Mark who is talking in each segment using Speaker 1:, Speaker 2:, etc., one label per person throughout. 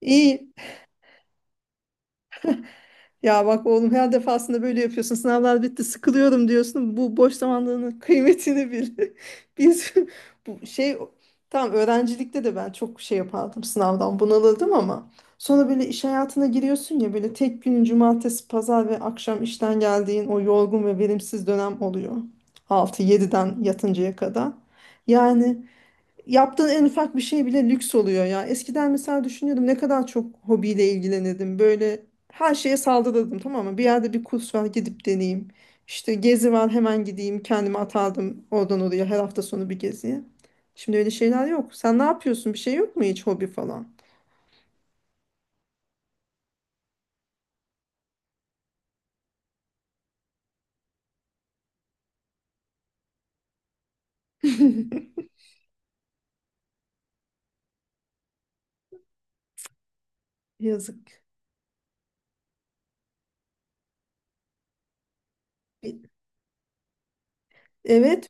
Speaker 1: İyi. Ya bak oğlum her defasında böyle yapıyorsun. Sınavlar bitti, sıkılıyorum diyorsun. Bu boş zamanlarının kıymetini bil. Biz bu şey tam öğrencilikte de ben çok şey yapardım sınavdan bunalırdım ama sonra böyle iş hayatına giriyorsun ya böyle tek günün cumartesi, pazar ve akşam işten geldiğin o yorgun ve verimsiz dönem oluyor. Altı yediden yatıncaya kadar. Yani yaptığın en ufak bir şey bile lüks oluyor ya. Eskiden mesela düşünüyordum ne kadar çok hobiyle ilgilenirdim. Böyle her şeye saldırırdım, tamam mı? Bir yerde bir kurs var, gidip deneyeyim. İşte gezi var, hemen gideyim, kendimi atardım oradan oraya, her hafta sonu bir geziye. Şimdi öyle şeyler yok. Sen ne yapıyorsun? Bir şey yok mu hiç, hobi falan? Yazık. Evet.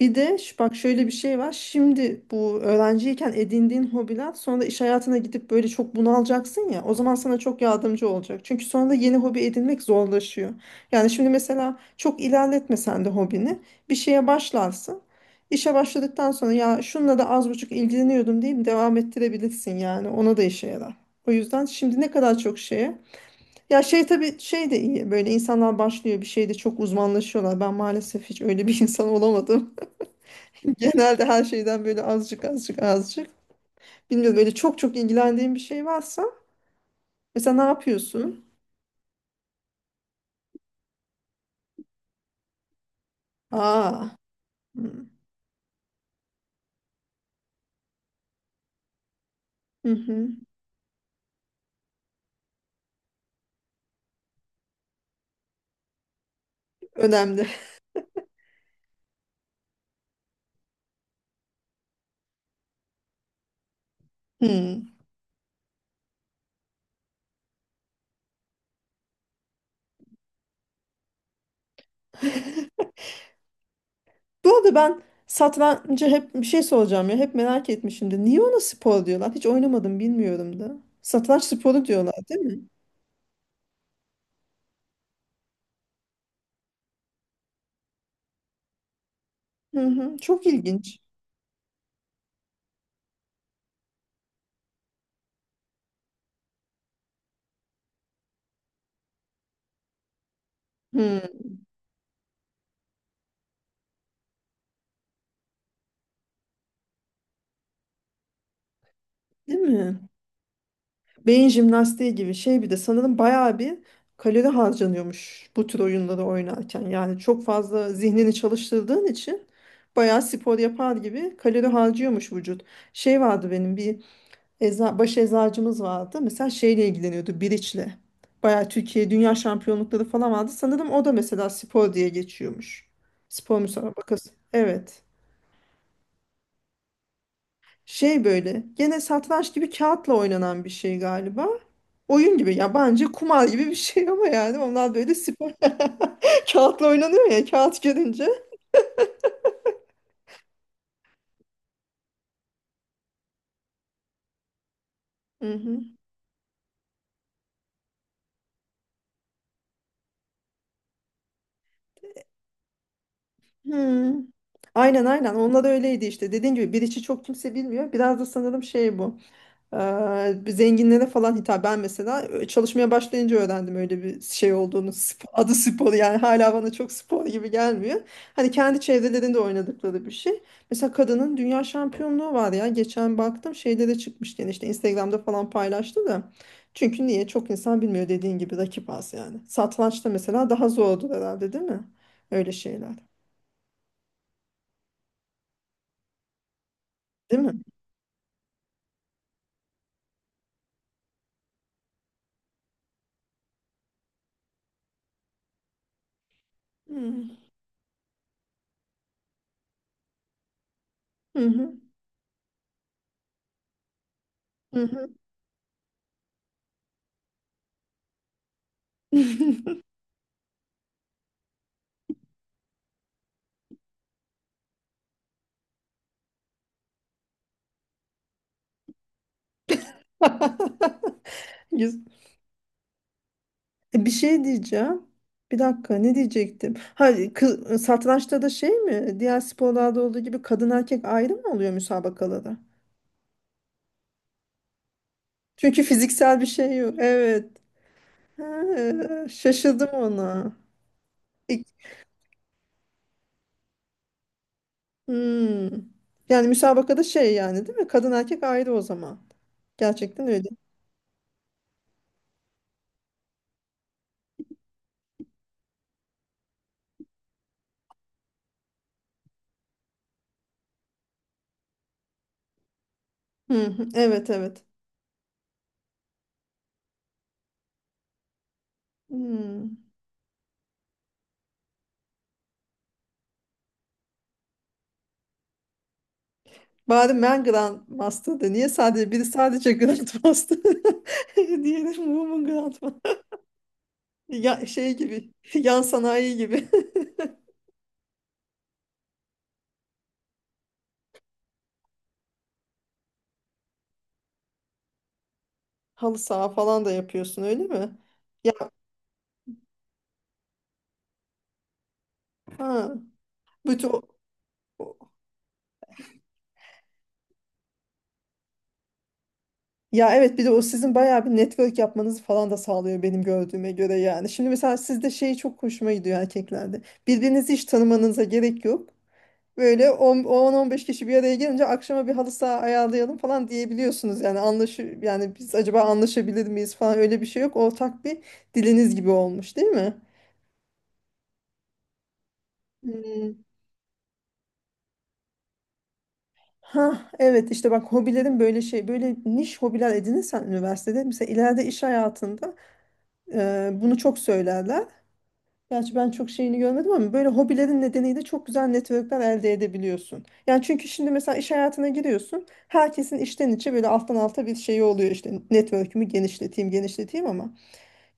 Speaker 1: Bir de bak, şöyle bir şey var. Şimdi bu öğrenciyken edindiğin hobiler, sonra iş hayatına gidip böyle çok bunalacaksın ya. O zaman sana çok yardımcı olacak. Çünkü sonra yeni hobi edinmek zorlaşıyor. Yani şimdi mesela çok ilerletmesen de hobini, bir şeye başlarsın. İşe başladıktan sonra ya şunla da az buçuk ilgileniyordum deyip devam ettirebilirsin yani. Ona da işe yarar. O yüzden şimdi ne kadar çok şeye. Ya şey, tabii şey de iyi. Böyle insanlar başlıyor bir şeyde çok uzmanlaşıyorlar. Ben maalesef hiç öyle bir insan olamadım. Genelde her şeyden böyle azıcık, azıcık, azıcık. Bilmiyorum, böyle çok çok ilgilendiğin bir şey varsa mesela ne yapıyorsun? Aa. Hı hı. Hı. Önemli. Hı. Bu arada ben satrancı hep bir şey soracağım ya, hep merak etmişimdir. Niye ona spor diyorlar? Hiç oynamadım, bilmiyorum da. Satranç sporu diyorlar değil mi? Hı hı. Çok ilginç. Hı. Değil mi? Beyin jimnastiği gibi şey, bir de sanırım bayağı bir kalori harcanıyormuş bu tür oyunları oynarken. Yani çok fazla zihnini çalıştırdığın için bayağı spor yapar gibi kalori harcıyormuş vücut. Şey vardı benim bir baş eczacımız vardı. Mesela şeyle ilgileniyordu, biriçle. Bayağı Türkiye dünya şampiyonlukları falan vardı. Sanırım o da mesela spor diye geçiyormuş. Spor müsabakası. Evet. Şey, böyle gene satranç gibi kağıtla oynanan bir şey galiba. Oyun gibi ya, bence kumar gibi bir şey ama yani onlar böyle spor kağıtla oynanıyor ya, kağıt görünce. Hı hı. Hmm. Aynen, onlar öyleydi işte, dediğin gibi bir içi çok kimse bilmiyor. Biraz da sanırım şey, bu bir zenginlere falan hitap. Ben mesela çalışmaya başlayınca öğrendim öyle bir şey olduğunu. Adı spor yani, hala bana çok spor gibi gelmiyor. Hani kendi çevrelerinde oynadıkları bir şey. Mesela kadının dünya şampiyonluğu var ya. Geçen baktım, şeyde de çıkmış yani, işte Instagram'da falan paylaştı da. Çünkü niye? Çok insan bilmiyor, dediğin gibi rakip az yani. Satrançta mesela daha zordur herhalde değil mi? Öyle şeyler. Değil mi? Hmm. Hı hı. Hı hı. Güzel. Bir şey diyeceğim. Bir dakika, ne diyecektim? Ha, satrançta da şey mi, diğer sporlarda olduğu gibi kadın erkek ayrı mı oluyor müsabakalarda? Çünkü fiziksel bir şey yok. Evet. Ha, şaşırdım ona. İk- Hmm. Yani müsabakada şey yani, değil mi? Kadın erkek ayrı o zaman. Gerçekten öyle. Hı hı, evet evet. Hmm. Bari ben Grand Master'dı. Niye sadece biri sadece Grand Master? Diğeri Woman Grand. Ya şey gibi, yan sanayi gibi. Halı saha falan da yapıyorsun, öyle mi? Ya ha, bütün o- o- ya evet, bir de o sizin bayağı bir network yapmanızı falan da sağlıyor benim gördüğüme göre yani. Şimdi mesela sizde şey çok hoşuma gidiyor, erkeklerde. Birbirinizi hiç tanımanıza gerek yok. Böyle 10-15 kişi bir araya gelince akşama bir halı saha ayarlayalım falan diyebiliyorsunuz. Yani yani biz acaba anlaşabilir miyiz falan, öyle bir şey yok. Ortak bir diliniz gibi olmuş değil mi? Hmm. Ha evet, işte bak, hobilerin böyle şey, böyle niş hobiler edinirsen üniversitede mesela, ileride iş hayatında bunu çok söylerler. Gerçi ben çok şeyini görmedim ama böyle hobilerin nedeniyle çok güzel networkler elde edebiliyorsun. Yani çünkü şimdi mesela iş hayatına giriyorsun, herkesin içten içe böyle alttan alta bir şeyi oluyor, işte network'ümü genişleteyim ama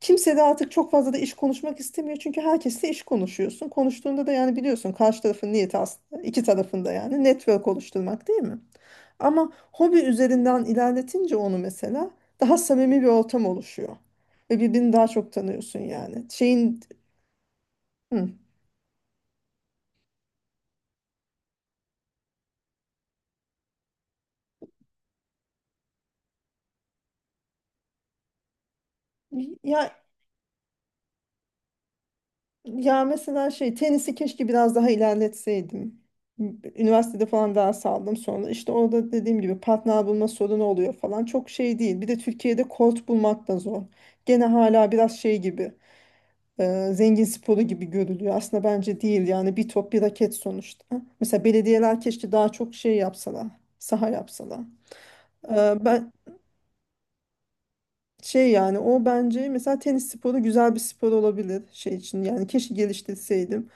Speaker 1: kimse de artık çok fazla da iş konuşmak istemiyor. Çünkü herkesle iş konuşuyorsun. Konuştuğunda da yani biliyorsun karşı tarafın niyeti aslında, iki tarafında yani network oluşturmak, değil mi? Ama hobi üzerinden ilerletince onu mesela, daha samimi bir ortam oluşuyor. Ve birbirini daha çok tanıyorsun yani. Şeyin hı. Ya, ya mesela şey, tenisi keşke biraz daha ilerletseydim. Üniversitede falan daha saldım sonra. İşte orada dediğim gibi partner bulma sorunu oluyor falan. Çok şey değil. Bir de Türkiye'de kort bulmak da zor. Gene hala biraz şey gibi, zengin sporu gibi görülüyor. Aslında bence değil yani, bir top bir raket sonuçta. Mesela belediyeler keşke daha çok şey yapsalar. Saha yapsalar. Ben şey yani, o bence mesela tenis sporu güzel bir spor olabilir şey için, yani keşke geliştirseydim.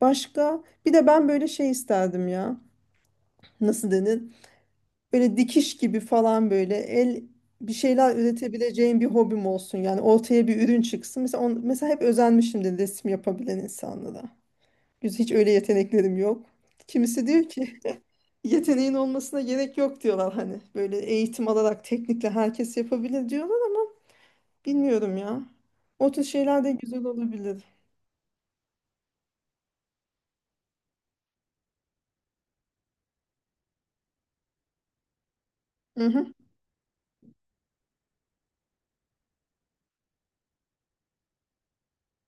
Speaker 1: Başka bir de ben böyle şey isterdim ya, nasıl denir, böyle dikiş gibi falan, böyle el, bir şeyler üretebileceğim bir hobim olsun yani, ortaya bir ürün çıksın. Mesela, mesela hep özenmişimdir resim yapabilen insanlara. Hiç öyle yeteneklerim yok. Kimisi diyor ki yeteneğin olmasına gerek yok diyorlar, hani böyle eğitim alarak teknikle herkes yapabilir diyorlar. Bilmiyorum ya. O tür şeyler de güzel olabilir. Hı hı.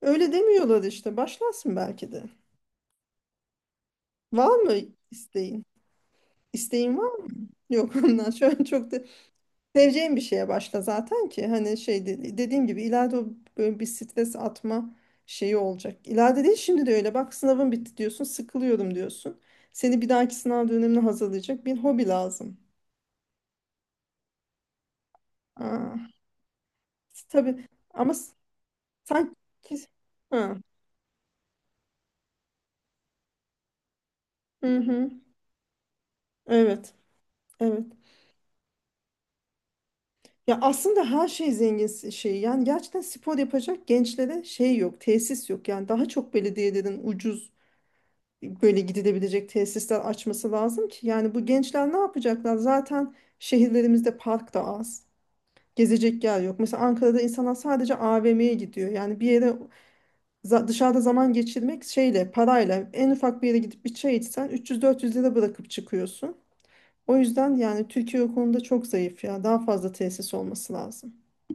Speaker 1: Öyle demiyorlar işte. Başlarsın belki de. Var mı isteğin? İsteğin var mı? Yok ondan. Şu an çok da seveceğin bir şeye başla zaten ki. Hani şey, dediğim gibi ileride o böyle bir stres atma şeyi olacak. İleride değil, şimdi de öyle. Bak, sınavın bitti diyorsun. Sıkılıyorum diyorsun. Seni bir dahaki sınav dönemine hazırlayacak bir hobi lazım. Aa, tabii ama sanki... Ha. Hı hı. Evet. Evet. Ya aslında her şey zengin şey. Yani gerçekten spor yapacak gençlere şey yok, tesis yok. Yani daha çok belediyelerin ucuz böyle gidilebilecek tesisler açması lazım ki. Yani bu gençler ne yapacaklar? Zaten şehirlerimizde park da az. Gezecek yer yok. Mesela Ankara'da insanlar sadece AVM'ye gidiyor. Yani bir yere dışarıda zaman geçirmek şeyle, parayla, en ufak bir yere gidip bir çay içsen 300-400 lira bırakıp çıkıyorsun. O yüzden yani Türkiye o konuda çok zayıf ya. Daha fazla tesis olması lazım.